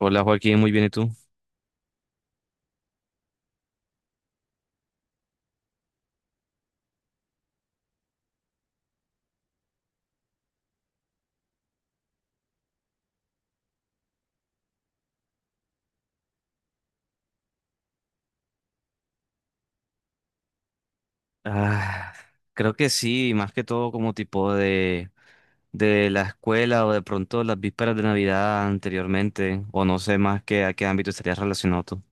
Hola Joaquín, muy bien, ¿y tú? Ah, creo que sí, más que todo como tipo de la escuela o de pronto las vísperas de Navidad anteriormente, o no sé más que a qué ámbito estarías relacionado tú.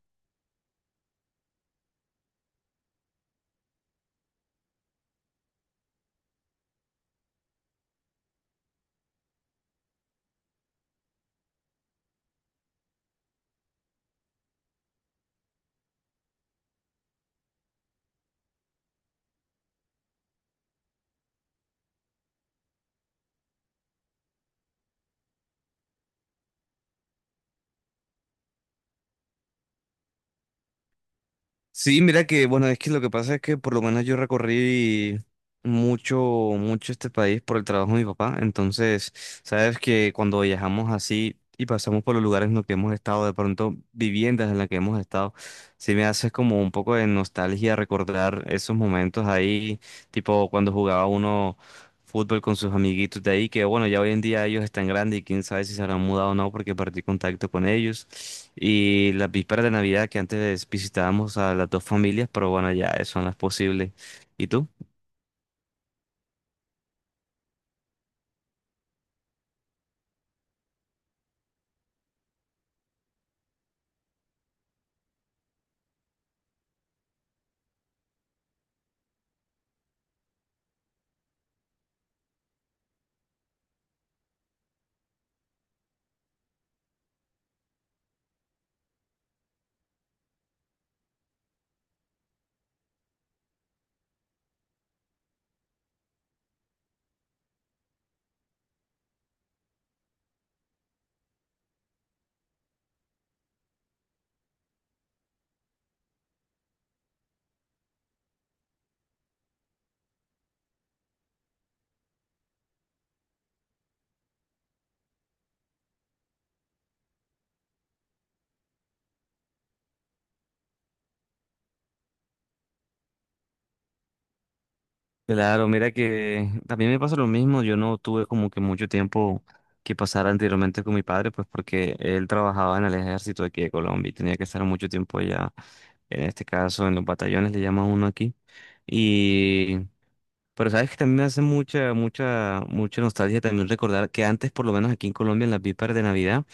Sí, mira que, bueno, es que lo que pasa es que por lo menos yo recorrí mucho, mucho este país por el trabajo de mi papá. Entonces, sabes que cuando viajamos así y pasamos por los lugares en los que hemos estado, de pronto viviendas en las que hemos estado, sí me hace como un poco de nostalgia recordar esos momentos ahí, tipo cuando jugaba uno fútbol con sus amiguitos de ahí, que bueno, ya hoy en día ellos están grandes y quién sabe si se habrán mudado o no porque perdí contacto con ellos. Y las vísperas de Navidad que antes visitábamos a las dos familias, pero bueno, ya eso no es posible. ¿Y tú? Claro, mira que también me pasa lo mismo, yo no tuve como que mucho tiempo que pasar anteriormente con mi padre, pues porque él trabajaba en el ejército aquí de Colombia y tenía que estar mucho tiempo allá, en este caso en los batallones le llaman uno aquí. y Pero sabes que también me hace mucha, mucha, mucha nostalgia también recordar que antes, por lo menos aquí en Colombia, en las vísperas de Navidad,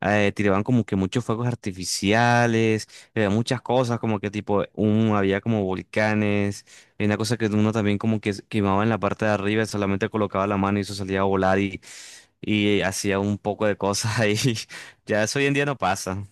tiraban como que muchos fuegos artificiales, muchas cosas, como que tipo, había como volcanes, y una cosa que uno también como que quemaba en la parte de arriba, solamente colocaba la mano y eso salía a volar y hacía un poco de cosas ahí. Ya eso hoy en día no pasa.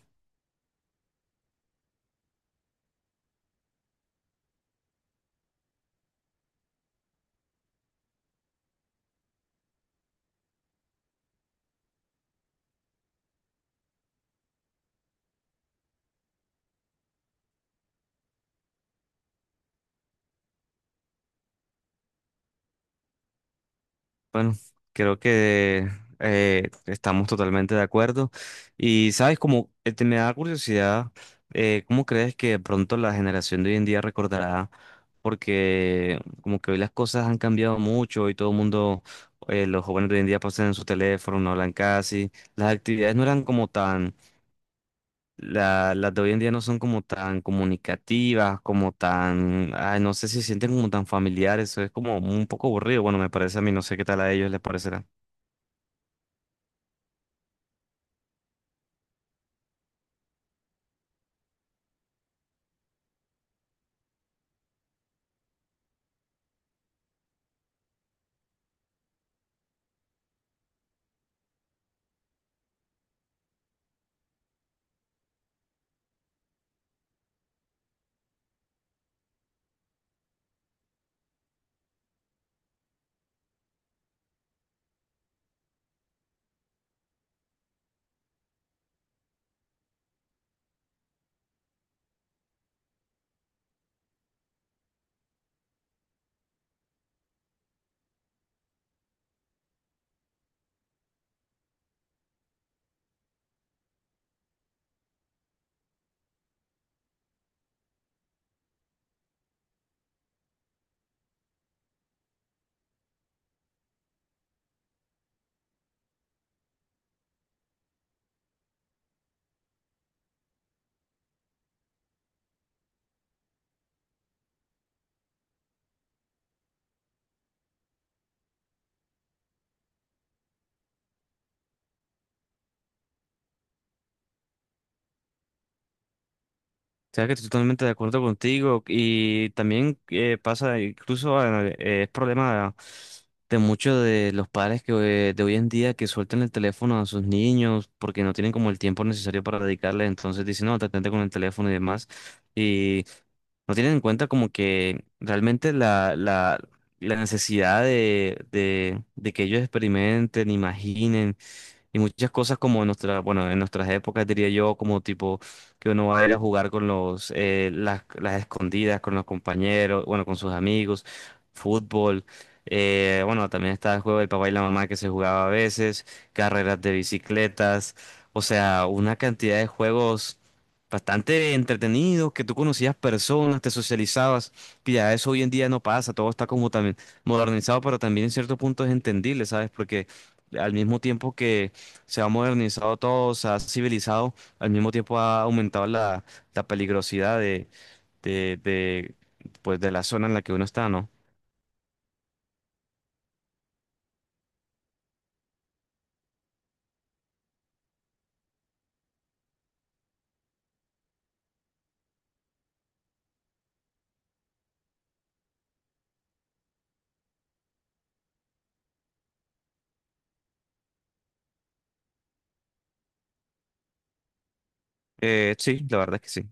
Bueno, creo que estamos totalmente de acuerdo. Y sabes, como te me da curiosidad, ¿cómo crees que de pronto la generación de hoy en día recordará? Porque como que hoy las cosas han cambiado mucho y todo el mundo, los jóvenes de hoy en día pasan en su teléfono, no hablan casi. Las actividades no eran como tan, las de hoy en día no son como tan comunicativas, como tan, ay, no sé si se sienten como tan familiares. Eso es como un poco aburrido. Bueno, me parece a mí, no sé qué tal a ellos les parecerá. O sea que estoy totalmente de acuerdo contigo y también pasa, incluso es problema de muchos de los padres que de hoy en día que sueltan el teléfono a sus niños porque no tienen como el tiempo necesario para dedicarle, entonces dicen, no, te atente con el teléfono y demás. Y no tienen en cuenta como que realmente la necesidad de, de que ellos experimenten, imaginen y muchas cosas como en nuestra, bueno, en nuestras épocas diría yo, como tipo que uno va a ir a jugar con los, las escondidas, con los compañeros, bueno, con sus amigos, fútbol. Bueno, también estaba el juego del papá y la mamá que se jugaba a veces, carreras de bicicletas, o sea, una cantidad de juegos bastante entretenidos, que tú conocías personas, te socializabas, que ya eso hoy en día no pasa, todo está como también modernizado, pero también en cierto punto es entendible, ¿sabes? Porque al mismo tiempo que se ha modernizado todo, se ha civilizado, al mismo tiempo ha aumentado la peligrosidad de, de, pues de la zona en la que uno está, ¿no? Sí, la verdad es que sí.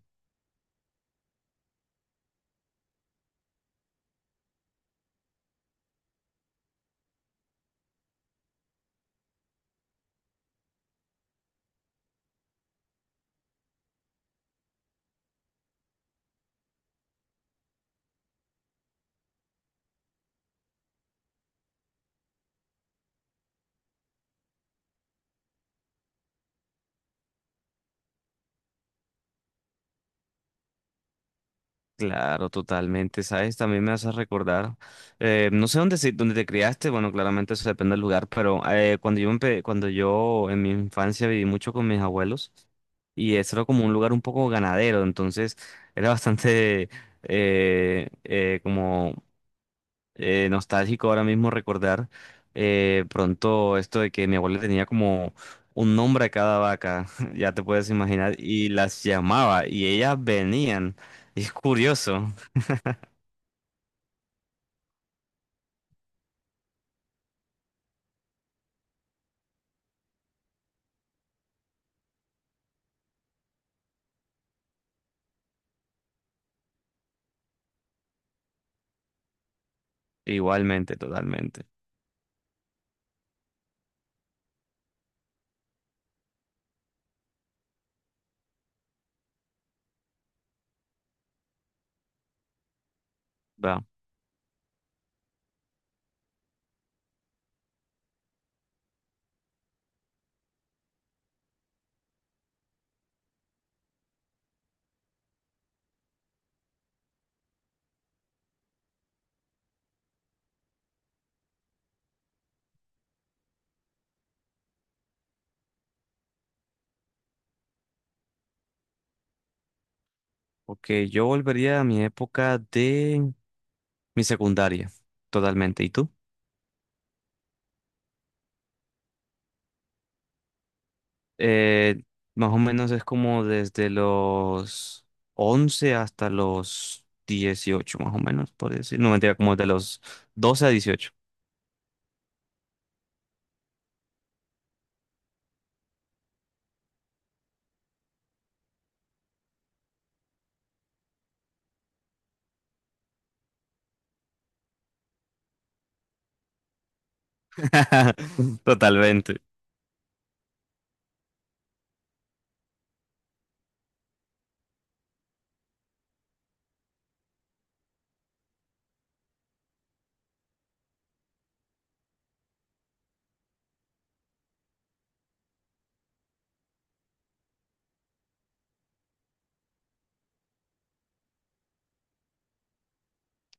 Claro, totalmente, ¿sabes? También me hace recordar, no sé dónde, dónde te criaste, bueno, claramente eso depende del lugar, pero cuando yo en mi infancia viví mucho con mis abuelos y eso era como un lugar un poco ganadero, entonces era bastante como nostálgico ahora mismo recordar pronto esto de que mi abuela tenía como un nombre a cada vaca, ya te puedes imaginar, y las llamaba y ellas venían. Es curioso. Igualmente, totalmente. Va. Ok, yo volvería a mi época de mi secundaria, totalmente. ¿Y tú? Eh, Más o menos es como desde los 11 hasta los 18 más o menos, por decir. No, mentira, como de los 12 a 18. Totalmente.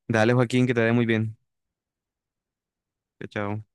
Dale, Joaquín, que te vaya muy bien. Chao, chao.